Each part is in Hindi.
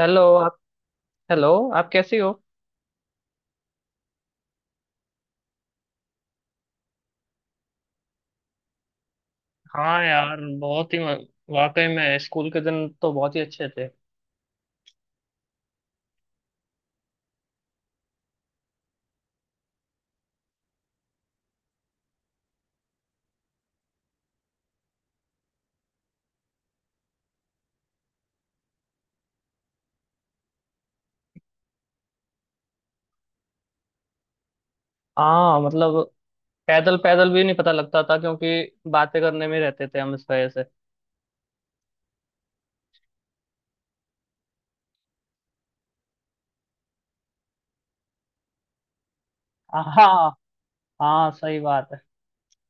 हेलो आप। हेलो। आप कैसी हो? हाँ यार, बहुत ही। वाकई में स्कूल के दिन तो बहुत ही अच्छे थे। हाँ मतलब, पैदल पैदल भी नहीं पता लगता था, क्योंकि बातें करने में रहते थे हम इस वजह से। हाँ हाँ, सही बात है।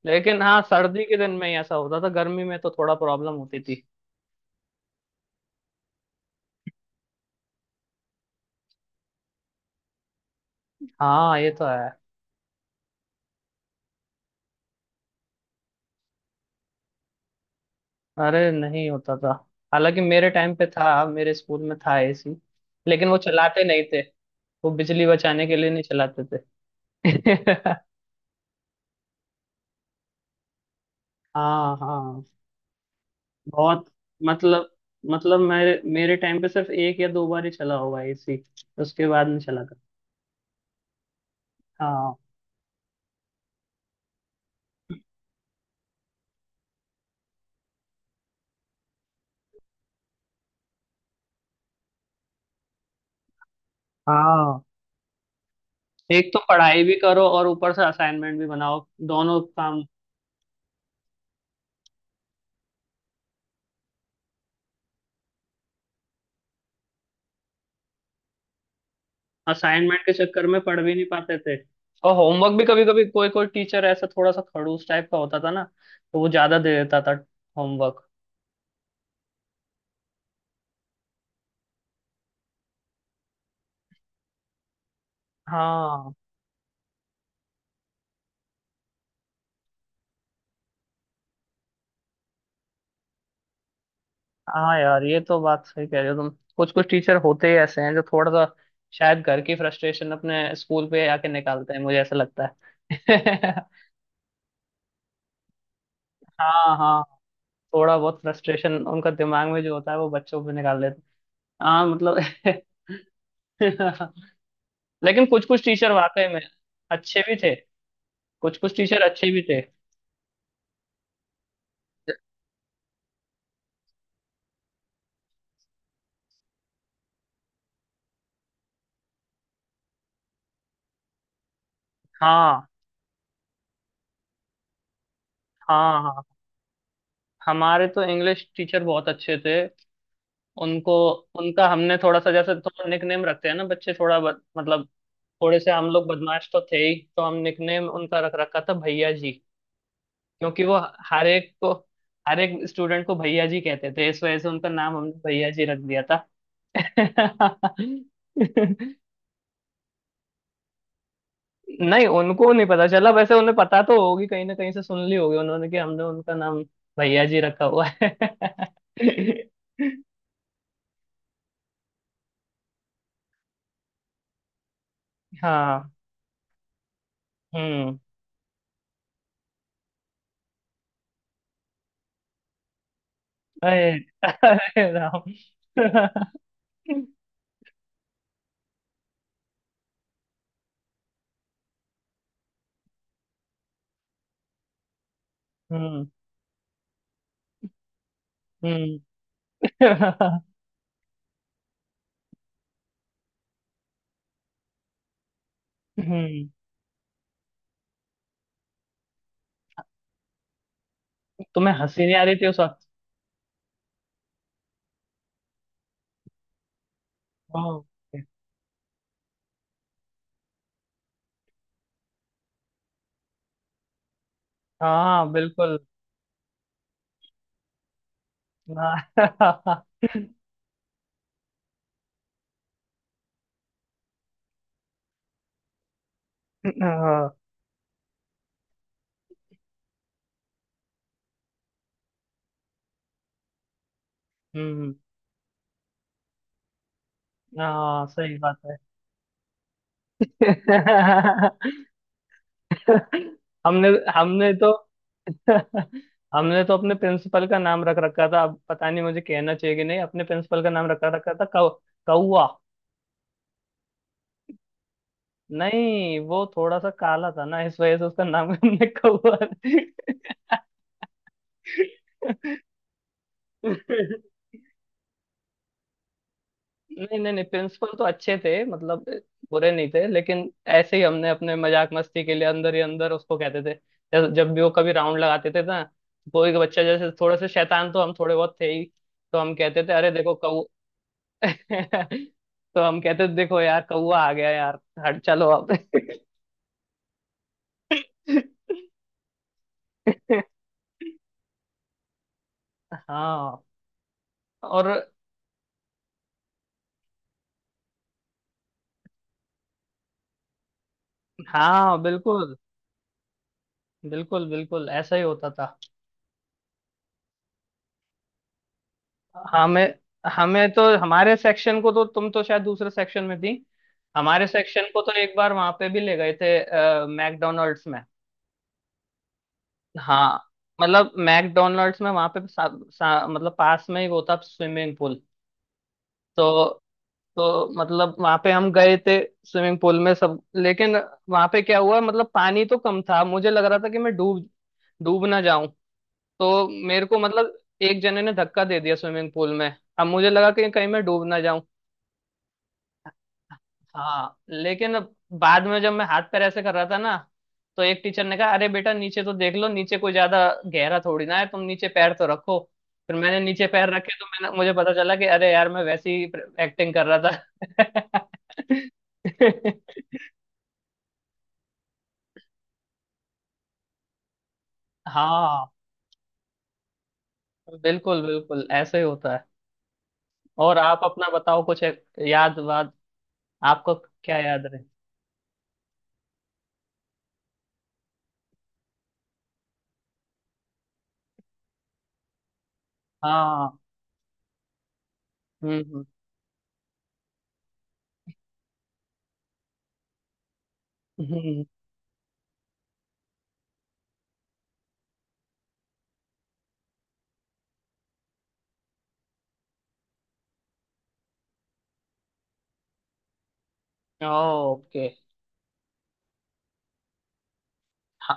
लेकिन हाँ, सर्दी के दिन में ही ऐसा होता था। गर्मी में तो थोड़ा प्रॉब्लम होती थी। हाँ, ये तो है। अरे, नहीं होता था। हालांकि मेरे टाइम पे था, मेरे स्कूल में था एसी। लेकिन वो चलाते नहीं थे। वो बिजली बचाने के लिए नहीं चलाते थे। हाँ हाँ। बहुत। मतलब मतलब मेरे मेरे टाइम पे सिर्फ एक या दो बार ही चला होगा एसी। उसके बाद नहीं चला कर। हाँ हाँ, एक तो पढ़ाई भी करो और ऊपर से असाइनमेंट भी बनाओ। दोनों काम। असाइनमेंट के चक्कर में पढ़ भी नहीं पाते थे। और होमवर्क भी, कभी कभी कोई कोई टीचर ऐसा थोड़ा सा खड़ूस टाइप का होता था ना। तो वो ज्यादा दे देता था होमवर्क। हाँ हाँ यार, ये तो बात सही कह रहे हो तुम। कुछ कुछ टीचर होते ही ऐसे हैं, जो थोड़ा सा शायद घर की फ्रस्ट्रेशन अपने स्कूल पे आके निकालते हैं, मुझे ऐसा लगता है। हाँ हाँ। थोड़ा बहुत फ्रस्ट्रेशन उनका दिमाग में जो होता है वो बच्चों पे निकाल देते हैं। हाँ मतलब। लेकिन कुछ कुछ टीचर वाकई में अच्छे भी थे। कुछ कुछ टीचर अच्छे भी थे। हाँ हाँ हाँ। हमारे तो इंग्लिश टीचर बहुत अच्छे थे। उनको। उनका हमने थोड़ा सा, जैसे थोड़ा निकनेम रखते हैं ना बच्चे, थोड़ा मतलब। थोड़े से हम लोग बदमाश तो थे ही, तो हम निकनेम उनका रख रखा था भैया जी। क्योंकि वो हर एक को, हर एक स्टूडेंट को भैया जी कहते थे, इस वजह से उनका नाम हमने भैया जी रख दिया था। नहीं, उनको नहीं पता चला। वैसे उन्हें पता तो होगी, कहीं ना कहीं से सुन ली होगी उन्होंने कि हमने उनका नाम भैया जी रखा हुआ है। हाँ। हम्म। अरे अरे राम। हम्म हम्म। हम्म। तुम्हें हंसी नहीं आ रही थी उस वक्त? वाह। हाँ बिल्कुल। हाँ। हाँ। हम्म। हाँ, सही बात है। हमने हमने तो। हमने तो अपने प्रिंसिपल का नाम रख रखा था। अब पता नहीं मुझे कहना चाहिए कि नहीं। अपने प्रिंसिपल का नाम रखा रखा था कौ कौआ। नहीं, वो थोड़ा सा काला था ना, इस वजह से उसका नाम हमने कौआ। नहीं नहीं नहीं, प्रिंसिपल तो अच्छे थे, मतलब। बुरे नहीं थे, लेकिन। ऐसे ही हमने अपने मजाक मस्ती के लिए अंदर ही अंदर उसको कहते थे। जब भी वो कभी राउंड लगाते थे ना, कोई का बच्चा जैसे, थोड़े से शैतान तो हम थोड़े बहुत थे ही। तो हम कहते थे अरे देखो कौ तो हम कहते थे देखो यार कौआ आ गया यार। हट चलो अब। हाँ। और हाँ बिल्कुल। बिल्कुल बिल्कुल ऐसा ही होता था। हमें हमें तो। हमारे सेक्शन को तो, तुम तो शायद दूसरे सेक्शन में थी। हमारे सेक्शन को तो एक बार वहां पे भी ले गए थे मैकडोनल्ड्स में। हाँ मतलब मैकडोनल्ड्स में, वहां पे सा, सा, मतलब पास में ही वो था स्विमिंग पूल। तो तो मतलब वहां पे हम गए थे। स्विमिंग पूल में सब, लेकिन वहां पे क्या हुआ, मतलब पानी तो कम था, मुझे लग रहा था कि मैं डूब डूब ना जाऊं। तो मेरे को मतलब, एक जने ने धक्का दे दिया स्विमिंग पूल में। अब मुझे लगा कि कहीं मैं डूब ना जाऊं। हाँ लेकिन अब, बाद में जब मैं हाथ पैर ऐसे कर रहा था ना, तो एक टीचर ने कहा, अरे बेटा नीचे तो देख लो, नीचे कोई ज्यादा गहरा थोड़ी ना है, तुम नीचे पैर तो रखो। फिर मैंने नीचे पैर रखे, तो मैंने मुझे पता चला कि अरे यार, मैं वैसे ही एक्टिंग कर रहा था। हाँ बिल्कुल। बिल्कुल ऐसे ही होता है। और आप अपना बताओ, कुछ याद वाद आपको? क्या याद रहे? हाँ। हम्म हम्म हम्म। ओके। ह-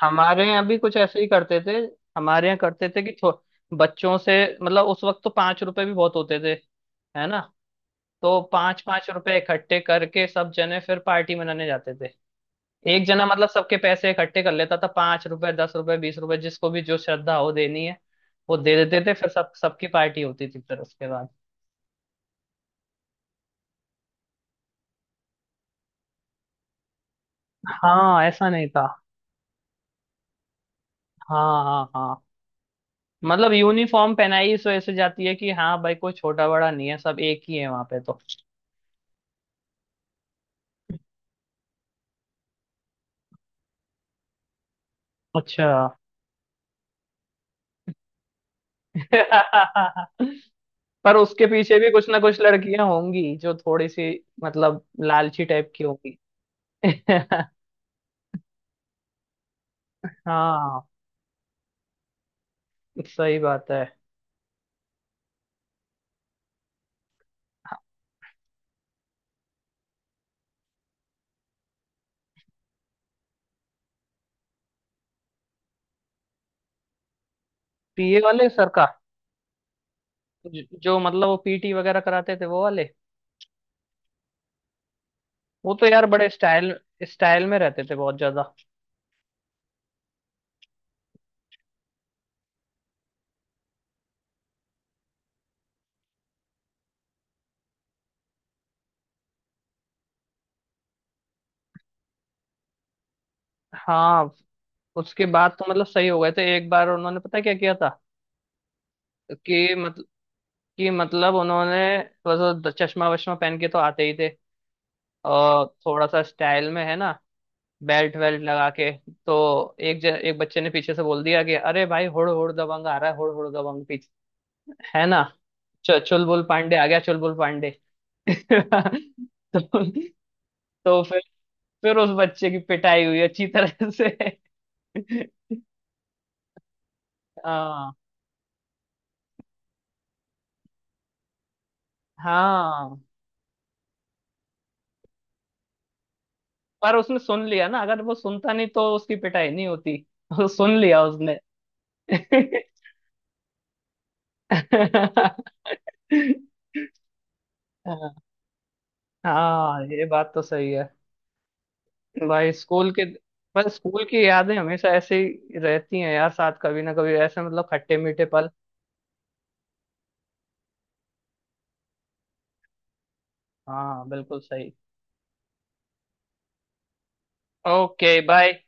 हमारे यहाँ भी कुछ ऐसे ही करते थे। हमारे यहाँ करते थे कि बच्चों से मतलब, उस वक्त तो 5 रुपए भी बहुत होते थे, है ना। तो पांच पांच रुपए इकट्ठे करके सब जने फिर पार्टी मनाने जाते थे। एक जना मतलब सबके पैसे इकट्ठे कर लेता था, 5 रुपए, 10 रुपए, 20 रुपए, जिसको भी जो श्रद्धा हो देनी है। वो दे देते थे, फिर सब सबकी पार्टी होती थी फिर, उसके बाद। हाँ, ऐसा नहीं था। हाँ हाँ हाँ। मतलब यूनिफॉर्म पहनाई इस वजह से जाती है कि हाँ भाई, कोई छोटा बड़ा नहीं है, सब एक ही है वहां पे तो। अच्छा। पर उसके पीछे भी कुछ ना कुछ लड़कियां होंगी जो थोड़ी सी मतलब लालची टाइप की होंगी। हाँ सही बात है। पीए वाले सर का? जो मतलब वो पीटी वगैरह कराते थे वो वाले। वो तो यार बड़े स्टाइल, स्टाइल में रहते थे बहुत ज्यादा। हाँ, उसके बाद तो मतलब सही हो गए थे। एक बार उन्होंने पता क्या किया था? कि मतलब कि मतलब उन्होंने, थोड़ा सा चश्मा वश्मा पहन के तो आते ही थे, और थोड़ा सा स्टाइल में, है ना, बेल्ट वेल्ट लगा के, तो एक बच्चे ने पीछे से बोल दिया कि अरे भाई, हुड़ हुड़ दबंग आ रहा है, हुड़ हुड़ दबंग पीछे, है ना। चुलबुल पांडे आ गया, चुलबुल पांडे। तो, तो फिर उस बच्चे की पिटाई हुई अच्छी तरह से। हाँ हाँ। पर उसने सुन लिया ना, अगर वो सुनता नहीं तो उसकी पिटाई नहीं होती। वो सुन लिया उसने। हाँ हाँ, ये बात तो सही है। भाई स्कूल के। पर स्कूल की यादें हमेशा ऐसे ही रहती हैं यार साथ, कभी ना कभी ऐसे मतलब खट्टे मीठे पल। हाँ बिल्कुल सही। Okay bye.